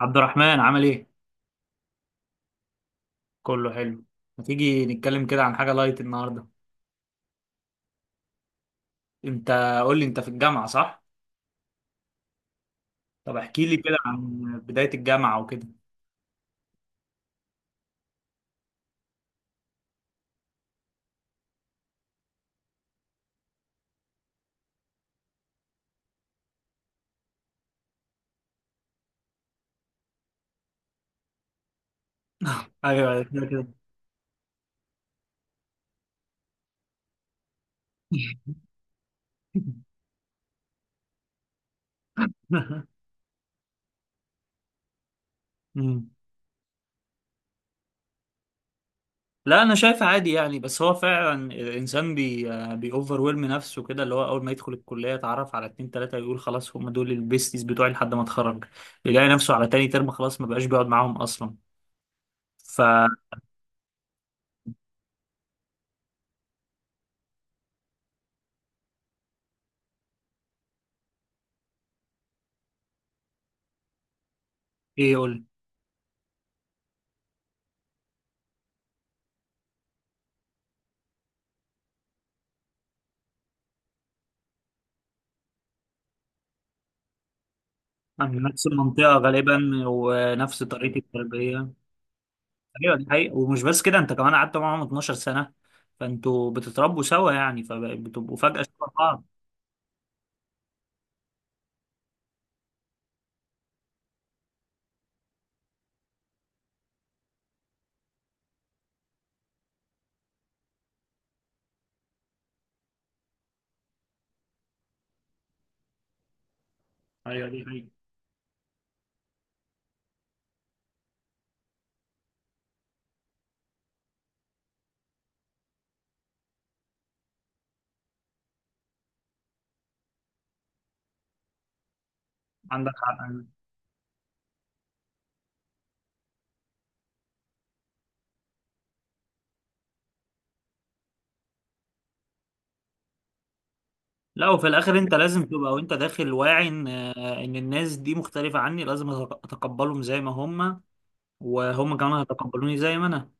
عبد الرحمن عامل ايه؟ كله حلو. ما تيجي نتكلم كده عن حاجة لايت النهاردة. انت قول لي انت في الجامعة صح؟ طب احكي لي كده عن بداية الجامعة وكده. ايوه ايوه، كده كده. مم. لا انا شايف عادي يعني، بس هو فعلا الانسان بيوفر ويلم نفسه كده، اللي هو اول ما يدخل الكليه يتعرف على اتنين تلاته يقول خلاص هم دول البيستيز بتوعي لحد ما اتخرج. يلاقي نفسه على تاني ترم خلاص ما بقاش بيقعد معاهم اصلا، فايه. يقول أنا من نفس المنطقه غالبا ونفس طريقه التربيه. ايوه دي حقيقة، ومش بس كده انت كمان قعدت معاهم 12 سنة، فانتوا بتتربوا سوا يعني فبتبقوا فجأة شبه بعض. ايوه دي حقيقة. عندك حق. لا، وفي الاخر انت لازم تبقى وانت داخل واعي ان الناس دي مختلفة عني، لازم اتقبلهم زي ما هم وهم كمان هيتقبلوني زي ما انا.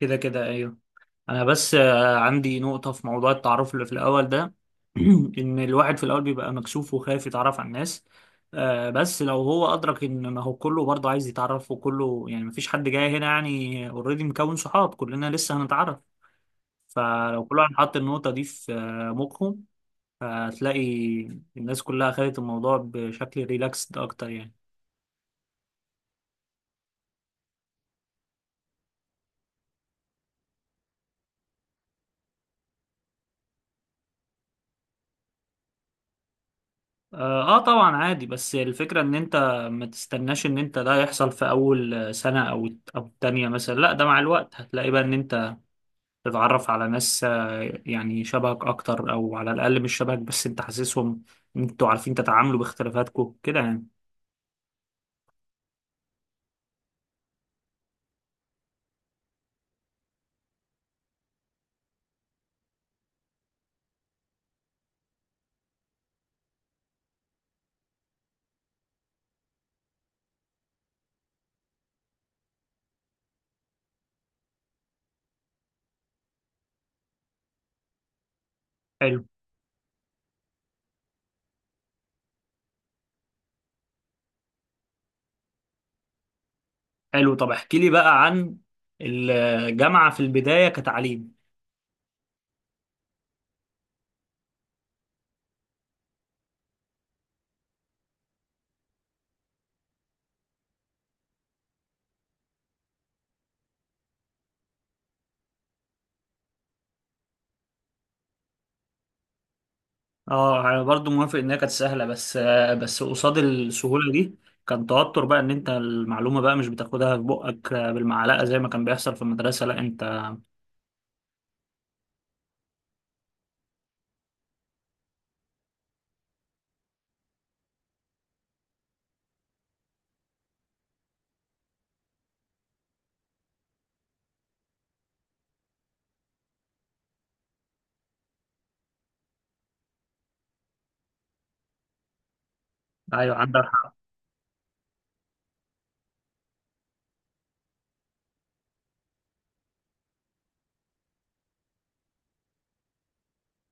كده كده ايوه. انا بس عندي نقطة في موضوع التعرف اللي في الاول ده. ان الواحد في الاول بيبقى مكسوف وخايف يتعرف على الناس. بس لو هو ادرك ان ما هو كله برضه عايز يتعرف، وكله يعني مفيش حد جاي هنا يعني اوريدي مكون صحاب، كلنا لسه هنتعرف. فلو كل واحد حط النقطة دي في مخه، هتلاقي الناس كلها خدت الموضوع بشكل ريلاكسد اكتر يعني. اه طبعا عادي، بس الفكرة ان انت ما تستناش ان انت ده يحصل في اول سنة او التانية مثلا، لا ده مع الوقت هتلاقي بقى ان انت تتعرف على ناس يعني شبهك اكتر، او على الاقل مش شبهك بس انت حاسسهم إن انتوا عارفين تتعاملوا باختلافاتكم كده يعني. حلو. حلو، طب احكي لي بقى عن الجامعة في البداية كتعليم. اه انا برضو موافق انها كانت سهله، بس قصاد السهوله دي كان توتر بقى، ان انت المعلومه بقى مش بتاخدها في بقك بالمعلقه زي ما كان بيحصل في المدرسه، لا انت. ايوه عندك حق.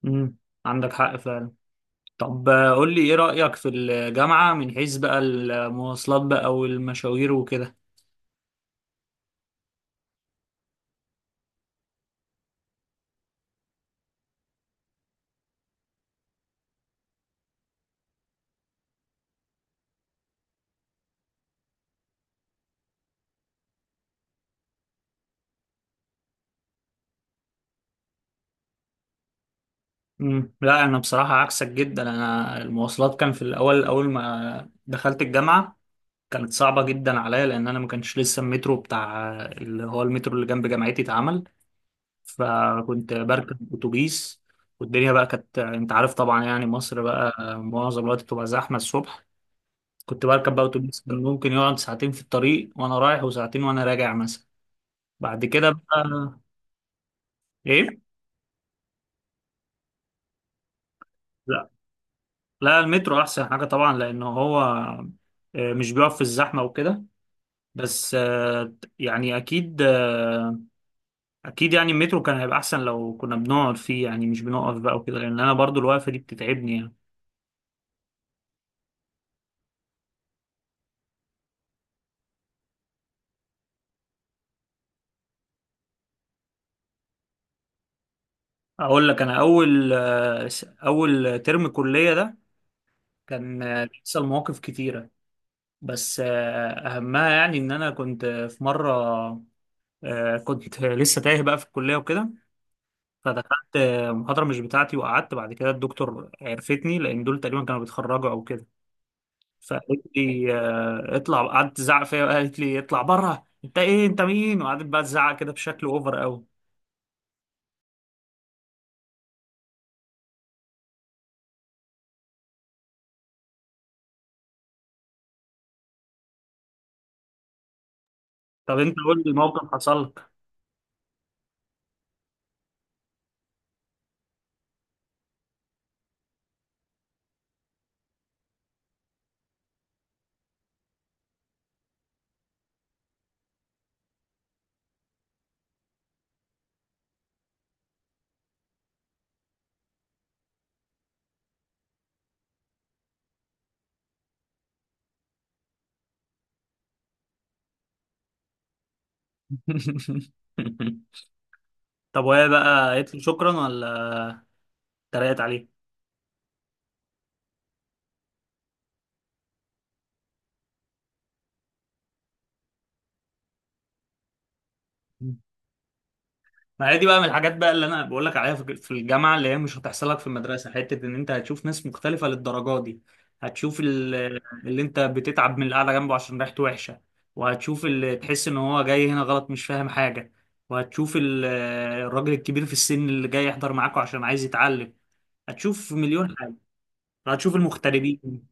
امم. عندك حق فعلا. طب قول لي ايه رايك في الجامعه من حيث بقى المواصلات بقى والمشاوير وكده. امم. لا انا بصراحه عكسك جدا. انا المواصلات كان في الاول اول ما دخلت الجامعه كانت صعبة جدا عليا، لأن أنا ما كانش لسه المترو بتاع اللي هو المترو اللي جنب جامعتي اتعمل، فكنت بركب اتوبيس. والدنيا بقى كانت انت عارف طبعا يعني مصر بقى معظم الوقت بتبقى زحمه الصبح. كنت بركب بقى اتوبيس كان ممكن يقعد ساعتين في الطريق وانا رايح وساعتين وانا راجع مثلا. بعد كده بقى. ايه؟ لا. لا المترو احسن حاجه طبعا، لانه هو مش بيقف في الزحمه وكده. بس يعني اكيد اكيد يعني المترو كان هيبقى احسن لو كنا بنقعد فيه، يعني مش بنقف بقى وكده، لان انا برضو الوقفه دي بتتعبني يعني. اقول لك انا اول اول ترم كليه ده كان بيحصل مواقف كتيره، بس اهمها يعني ان انا كنت في مره كنت لسه تايه بقى في الكليه وكده، فدخلت محاضره مش بتاعتي وقعدت. بعد كده الدكتور عرفتني لان دول تقريبا كانوا بيتخرجوا او كده، فقالت لي اطلع، قعدت تزعق فيا وقالت لي اطلع بره انت ايه انت مين، وقعدت بقى تزعق كده بشكل اوفر قوي. طب انت قول لي موقف حصل لك. طب وهي بقى قالت له شكرا ولا اتريقت عليه؟ ما هي دي بقى من الحاجات بقى اللي انا بقول لك عليها في الجامعه، اللي هي مش هتحصل لك في المدرسه، حته ان انت هتشوف ناس مختلفه للدرجه دي. هتشوف اللي انت بتتعب من القعده جنبه عشان ريحته وحشه، وهتشوف اللي تحس ان هو جاي هنا غلط مش فاهم حاجه، وهتشوف الراجل الكبير في السن اللي جاي يحضر معاكوا عشان عايز يتعلم. هتشوف مليون حاجه. هتشوف المغتربين.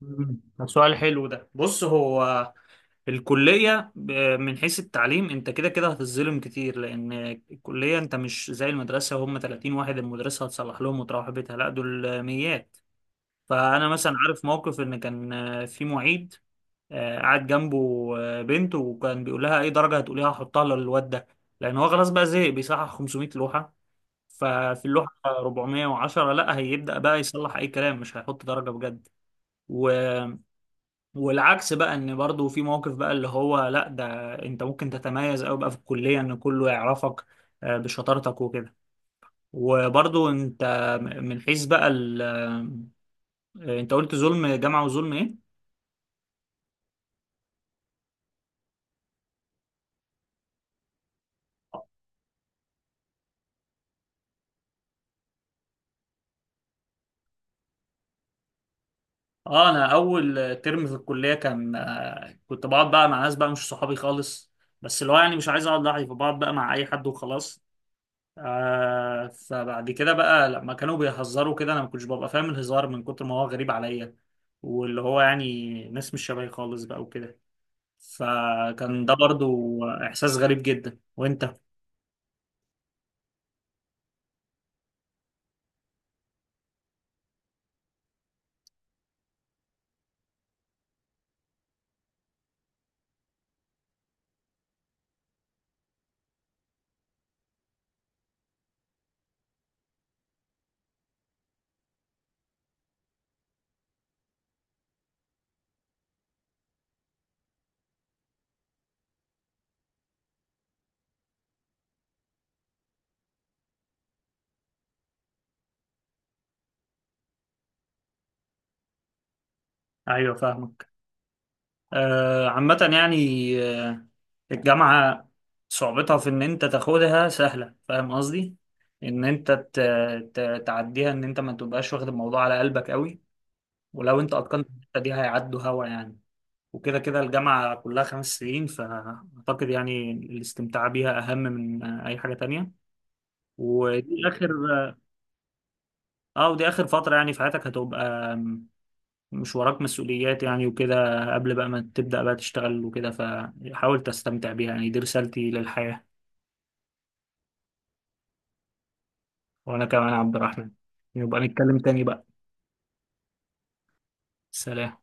مم. ده سؤال حلو. ده بص، هو الكلية من حيث التعليم انت كده كده هتتظلم كتير، لان الكلية انت مش زي المدرسة. هم 30 واحد المدرسة هتصلح لهم وتروح بيتها، لا دول ميات. فانا مثلا عارف موقف ان كان في معيد قاعد جنبه بنت، وكان بيقول لها اي درجة هتقوليها لها هحطها للواد ده، لان هو خلاص بقى زهق بيصحح 500 لوحة، ففي اللوحة 410 لا هيبدأ بقى يصلح اي كلام مش هيحط درجة بجد. والعكس بقى ان برضو في موقف بقى اللي هو، لا ده انت ممكن تتميز قوي بقى في الكلية ان كله يعرفك بشطارتك وكده. وبرضو انت من حيث بقى انت قلت ظلم جامعة، وظلم ايه؟ اه انا اول ترم في الكلية كان كنت بقعد بقى مع ناس بقى مش صحابي خالص، بس اللي هو يعني مش عايز اقعد لوحدي فبقعد بقى مع اي حد وخلاص. آه فبعد كده بقى لما كانوا بيهزروا كده انا ما كنتش ببقى فاهم الهزار من كتر ما هو غريب عليا، واللي هو يعني ناس مش شبهي خالص بقى وكده. فكان ده برضو احساس غريب جدا. وانت ايوه فاهمك. آه عامة يعني، آه الجامعة صعوبتها في ان انت تاخدها سهلة، فاهم قصدي، ان انت تعديها، ان انت ما تبقاش واخد الموضوع على قلبك قوي. ولو انت اتقنت الحتة دي هيعدوا هوا يعني. وكده كده الجامعة كلها 5 سنين، فأعتقد يعني الاستمتاع بيها أهم من أي حاجة تانية. ودي آخر ودي آخر فترة يعني في حياتك، هتبقى مش وراك مسؤوليات يعني وكده قبل بقى ما تبدأ بقى تشتغل وكده، فحاول تستمتع بيها يعني، دي رسالتي للحياة. وأنا كمان عبد الرحمن، يبقى نتكلم تاني بقى. سلام.